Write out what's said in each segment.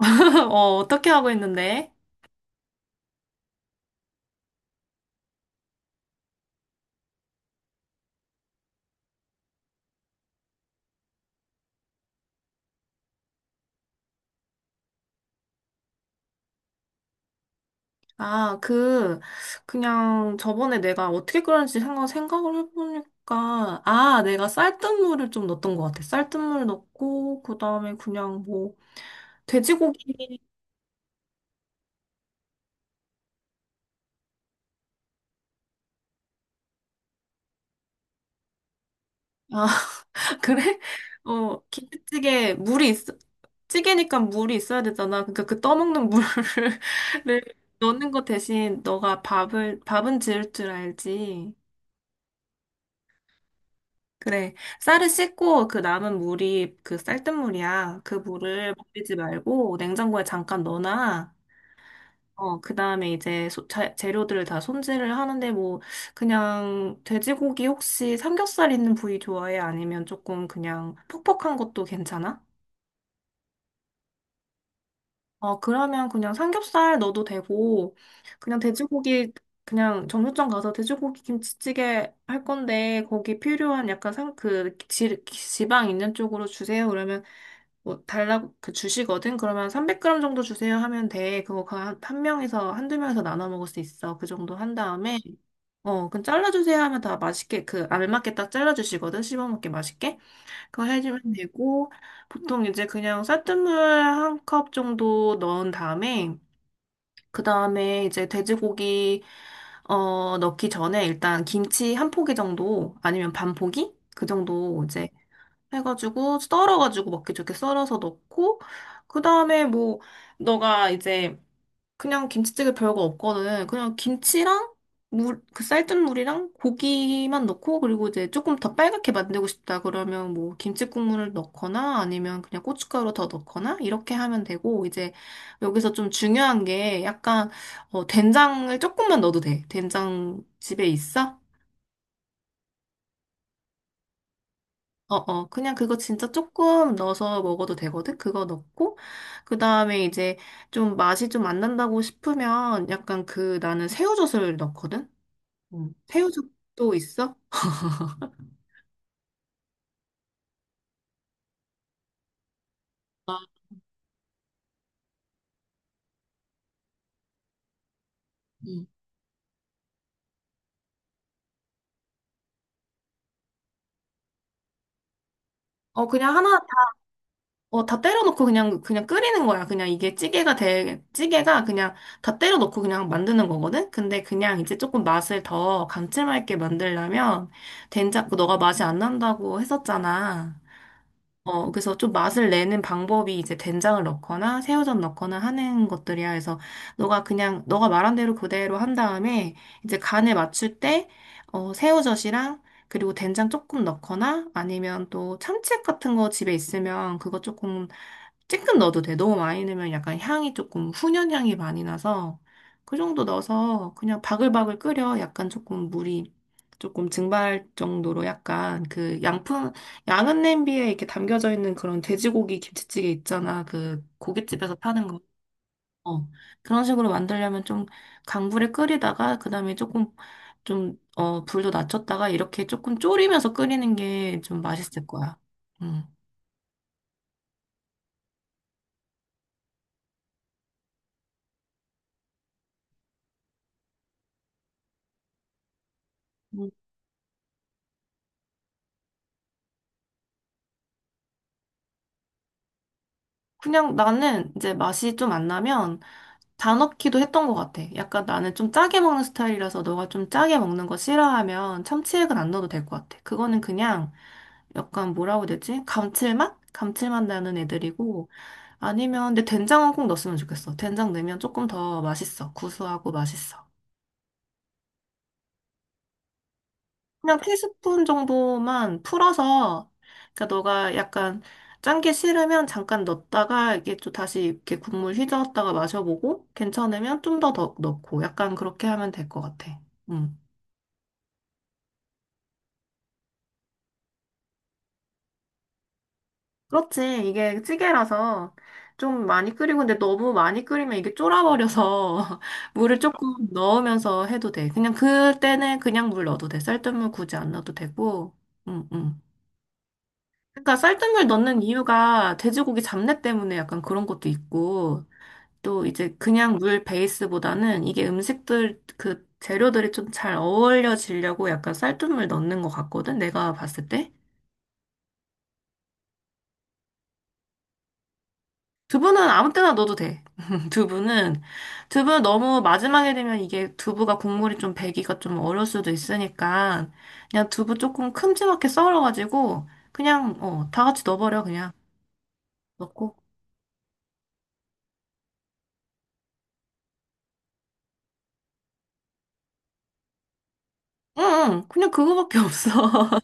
어, 어떻게 하고 있는데? 아, 그, 그냥 저번에 내가 어떻게 끓였는지 생각을 해보니까, 아, 내가 쌀뜨물을 좀 넣었던 것 같아. 쌀뜨물 넣고, 그 다음에 돼지고기. 아, 그래? 어, 김치찌개, 물이 있, 찌개니까 물이 있어야 되잖아. 그러니까 그 떠먹는 물을 넣는 거 대신 너가 밥은 지을 줄 알지. 그래. 쌀을 씻고 그 남은 물이 그 쌀뜨물이야. 그 물을 버리지 말고 냉장고에 잠깐 넣어놔. 어, 그 다음에 이제 재료들을 다 손질을 하는데 그냥 돼지고기 혹시 삼겹살 있는 부위 좋아해? 아니면 조금 그냥 퍽퍽한 것도 괜찮아? 어, 그러면 그냥 삼겹살 넣어도 되고, 그냥 돼지고기, 그냥 정육점 가서 돼지고기 김치찌개 할 건데, 거기 필요한 약간 지방 있는 쪽으로 주세요. 그러면, 주시거든? 그러면 300g 정도 주세요 하면 돼. 그거 한 명에서, 한두 명에서 나눠 먹을 수 있어. 그 정도 한 다음에, 어, 그럼 잘라주세요 하면 다 맛있게, 그, 알맞게 딱 잘라주시거든? 씹어 먹기 맛있게? 그거 해주면 되고, 보통 이제 그냥 쌀뜨물 한 컵 정도 넣은 다음에, 그 다음에 이제 돼지고기, 어, 넣기 전에 일단 김치 한 포기 정도, 아니면 반 포기? 그 정도 이제 해가지고, 썰어가지고 먹기 좋게 썰어서 넣고, 그 다음에 뭐, 너가 이제 그냥 김치찌개 별거 없거든. 그냥 김치랑 물, 그 쌀뜨물 물이랑 고기만 넣고 그리고 이제 조금 더 빨갛게 만들고 싶다 그러면 뭐 김치 국물을 넣거나 아니면 그냥 고춧가루 더 넣거나 이렇게 하면 되고 이제 여기서 좀 중요한 게 약간 어, 된장을 조금만 넣어도 돼. 된장 집에 있어? 어어 그냥 그거 진짜 조금 넣어서 먹어도 되거든. 그거 넣고 그 다음에 이제 좀 맛이 좀 안 난다고 싶으면 약간 그 나는 새우젓을 넣거든. 태 새우젓도 있어? 음. 어, 어, 다 때려놓고 그냥 끓이는 거야. 그냥 이게 찌개가 그냥 다 때려놓고 그냥 만드는 거거든? 근데 그냥 이제 조금 맛을 더 감칠맛 있게 만들려면 된장, 그 너가 맛이 안 난다고 했었잖아. 어, 그래서 좀 맛을 내는 방법이 이제 된장을 넣거나 새우젓 넣거나 하는 것들이야. 그래서 너가 말한 대로 그대로 한 다음에 이제 간을 맞출 때 어, 새우젓이랑 그리고 된장 조금 넣거나 아니면 또 참치액 같은 거 집에 있으면 그거 조금 찔끔 넣어도 돼. 너무 많이 넣으면 약간 향이 조금 훈연 향이 많이 나서 그 정도 넣어서 그냥 바글바글 끓여. 약간 조금 물이 조금 증발 정도로 약간 그 양은 냄비에 이렇게 담겨져 있는 그런 돼지고기 김치찌개 있잖아. 그 고깃집에서 파는 거. 어. 그런 식으로 만들려면 좀 강불에 끓이다가 그다음에 조금 좀 어, 불도 낮췄다가 이렇게 조금 졸이면서 끓이는 게 좀 맛있을 거야. 음. 음. 그냥 나는 이제 맛이 좀 안 나면 다 넣기도 했던 것 같아. 약간 나는 좀 짜게 먹는 스타일이라서 너가 좀 짜게 먹는 거 싫어하면 참치액은 안 넣어도 될 것 같아. 그거는 그냥 약간 뭐라고 해야 되지? 감칠맛? 감칠맛 나는 애들이고, 아니면, 근데 된장은 꼭 넣었으면 좋겠어. 된장 넣으면 조금 더 맛있어. 구수하고 맛있어. 그냥 티스푼 정도만 풀어서, 그러니까 너가 약간 짠 게 싫으면 잠깐 넣었다가 이게 또 다시 이렇게 국물 휘저었다가 마셔보고, 괜찮으면 더 넣고, 약간 그렇게 하면 될 것 같아. 응. 그렇지. 이게 찌개라서 좀 많이 끓이고, 근데 너무 많이 끓이면 이게 쫄아버려서 물을 조금 넣으면서 해도 돼. 그냥 그때는 그냥 물 넣어도 돼. 쌀뜨물 굳이 안 넣어도 되고. 응, 응. 그러니까 쌀뜨물 넣는 이유가 돼지고기 잡내 때문에 약간 그런 것도 있고, 또 이제 그냥 물 베이스보다는 이게 음식들 그 재료들이 좀 잘 어울려지려고 약간 쌀뜨물 넣는 것 같거든. 내가 봤을 때. 두부는 아무 때나 넣어도 돼. 두부는, 두부 너무 마지막에 되면 이게 두부가 국물이 좀 배기가 좀 어려울 수도 있으니까, 그냥 두부 조금 큼지막하게 썰어가지고, 그냥, 어, 다 같이 넣어버려, 그냥. 넣고. 응, 응, 그냥 그거밖에 없어.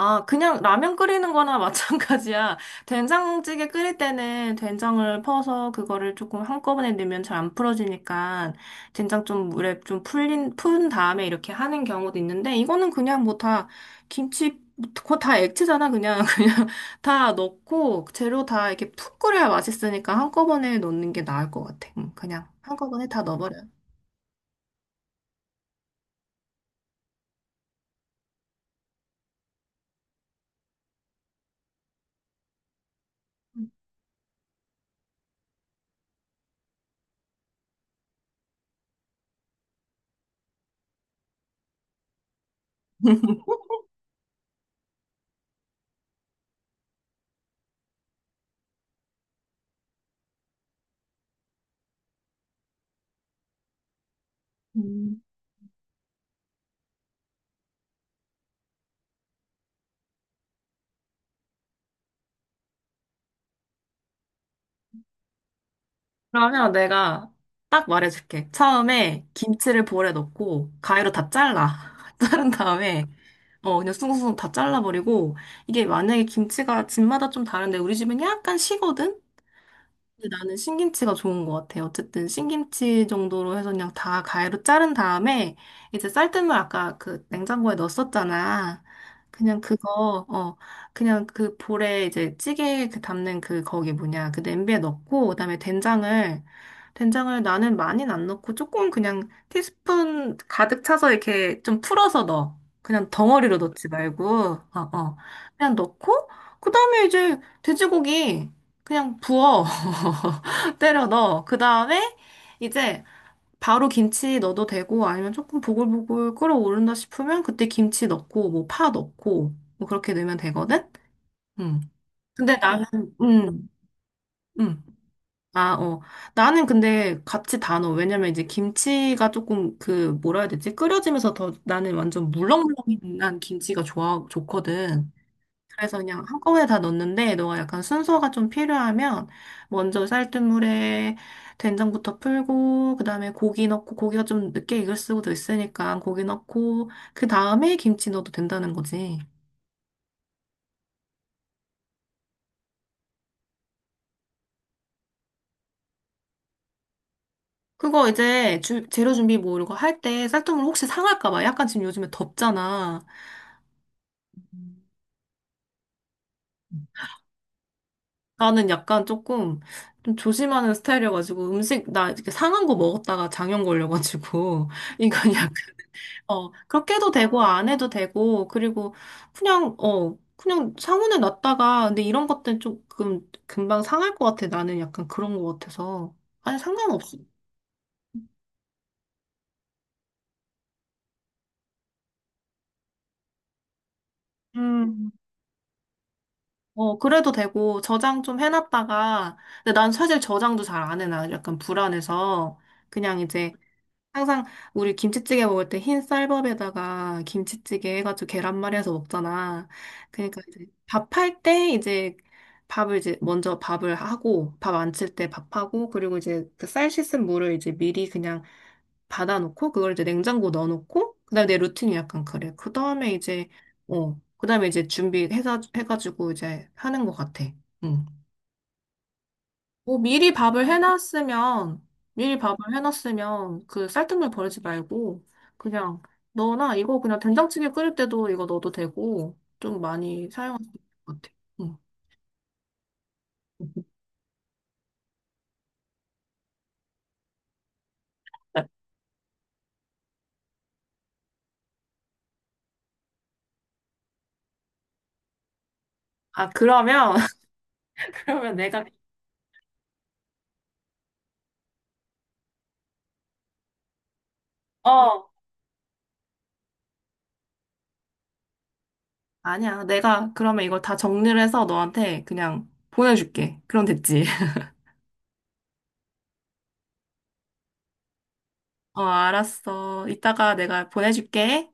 아, 그냥 라면 끓이는 거나 마찬가지야. 된장찌개 끓일 때는 된장을 퍼서 그거를 조금 한꺼번에 넣으면 잘 안 풀어지니까 된장 좀 물에 좀 푼 다음에 이렇게 하는 경우도 있는데 이거는 그냥 뭐 김치, 그거 다 액체잖아. 그냥, 그냥 다 넣고 재료 다 이렇게 푹 끓여야 맛있으니까 한꺼번에 넣는 게 나을 것 같아. 응, 그냥 한꺼번에 다 넣어버려. 요 그러면 내가 딱 말해줄게. 처음에 김치를 볼에 넣고 가위로 다 잘라. 자른 다음에 어 그냥 숭숭숭 다 잘라버리고 이게 만약에 김치가 집마다 좀 다른데 우리 집은 약간 시거든? 근데 나는 신김치가 좋은 것 같아. 어쨌든 신김치 정도로 해서 그냥 다 가위로 자른 다음에 이제 쌀뜨물 아까 그 냉장고에 넣었었잖아. 그냥 그거 어 그냥 그 볼에 이제 찌개 그 담는 그 거기 뭐냐 그 냄비에 넣고 그다음에 된장을 나는 많이는 안 넣고 조금 그냥 티스푼 가득 차서 이렇게 좀 풀어서 넣어. 그냥 덩어리로 넣지 말고 어. 그냥 넣고 그다음에 이제 돼지고기 그냥 부어. 때려 넣어. 그 다음에 이제 바로 김치 넣어도 되고 아니면 조금 보글보글 끓어오른다 싶으면 그때 김치 넣고 뭐 파 넣고 뭐 그렇게 넣으면 되거든? 음. 근데 나는, 음, 음. 아, 어. 나는 근데 같이 다 넣어. 왜냐면 이제 김치가 조금 그 뭐라 해야 되지? 끓여지면서 더 나는 완전 물렁물렁한 김치가 좋거든. 그래서 그냥 한꺼번에 다 넣는데 너가 약간 순서가 좀 필요하면 먼저 쌀뜨물에 된장부터 풀고 그다음에 고기 넣고 고기가 좀 늦게 익을 수도 있으니까 고기 넣고 그 다음에 김치 넣어도 된다는 거지. 그거 이제 재료 준비 뭐 이런 거 할 때 쌀뜨물 혹시 상할까 봐 약간 지금 요즘에 덥잖아. 음. 나는 약간 조금 좀 조심하는 스타일이어가지고 음식 나 이렇게 상한 거 먹었다가 장염 걸려가지고 이건 어, 그렇게 해도 되고, 안 해도 되고, 그리고 그냥, 어, 그냥 상온에 놨다가, 근데 이런 것들은 조금 금방 상할 것 같아. 나는 약간 그런 것 같아서. 아니, 상관없어. 음. 어, 그래도 되고, 저장 좀 해놨다가, 근데 난 사실 저장도 잘 안 해놔. 약간 불안해서. 그냥 이제 항상 우리 김치찌개 먹을 때 흰 쌀밥에다가 김치찌개 해가지고 계란말이 해서 먹잖아. 그러니까 이제 밥할 때 이제 밥을 이제 먼저 밥을 하고 밥 안칠 때 밥하고 그리고 이제 그 쌀 씻은 물을 이제 미리 그냥 받아놓고 그걸 이제 냉장고 넣어놓고 그다음에 내 루틴이 약간 그래. 그다음에 이제 어 그다음에 이제 준비해서 해가지고 이제 하는 것 같아. 응. 뭐 미리 밥을 해놨으면, 미리 밥을 해놨으면 그 쌀뜨물 버리지 말고, 그냥 너나 이거 그냥 된장찌개 끓일 때도 이거 넣어도 되고, 좀 많이 사용할 수 있을 것 같아. 응. 아, 그러면, 그러면 내가, 어, 아니야. 내가 그러면 이걸 다 정리를 해서 너한테 그냥 보내줄게. 그럼 됐지. 어, 알았어. 이따가 내가 보내줄게.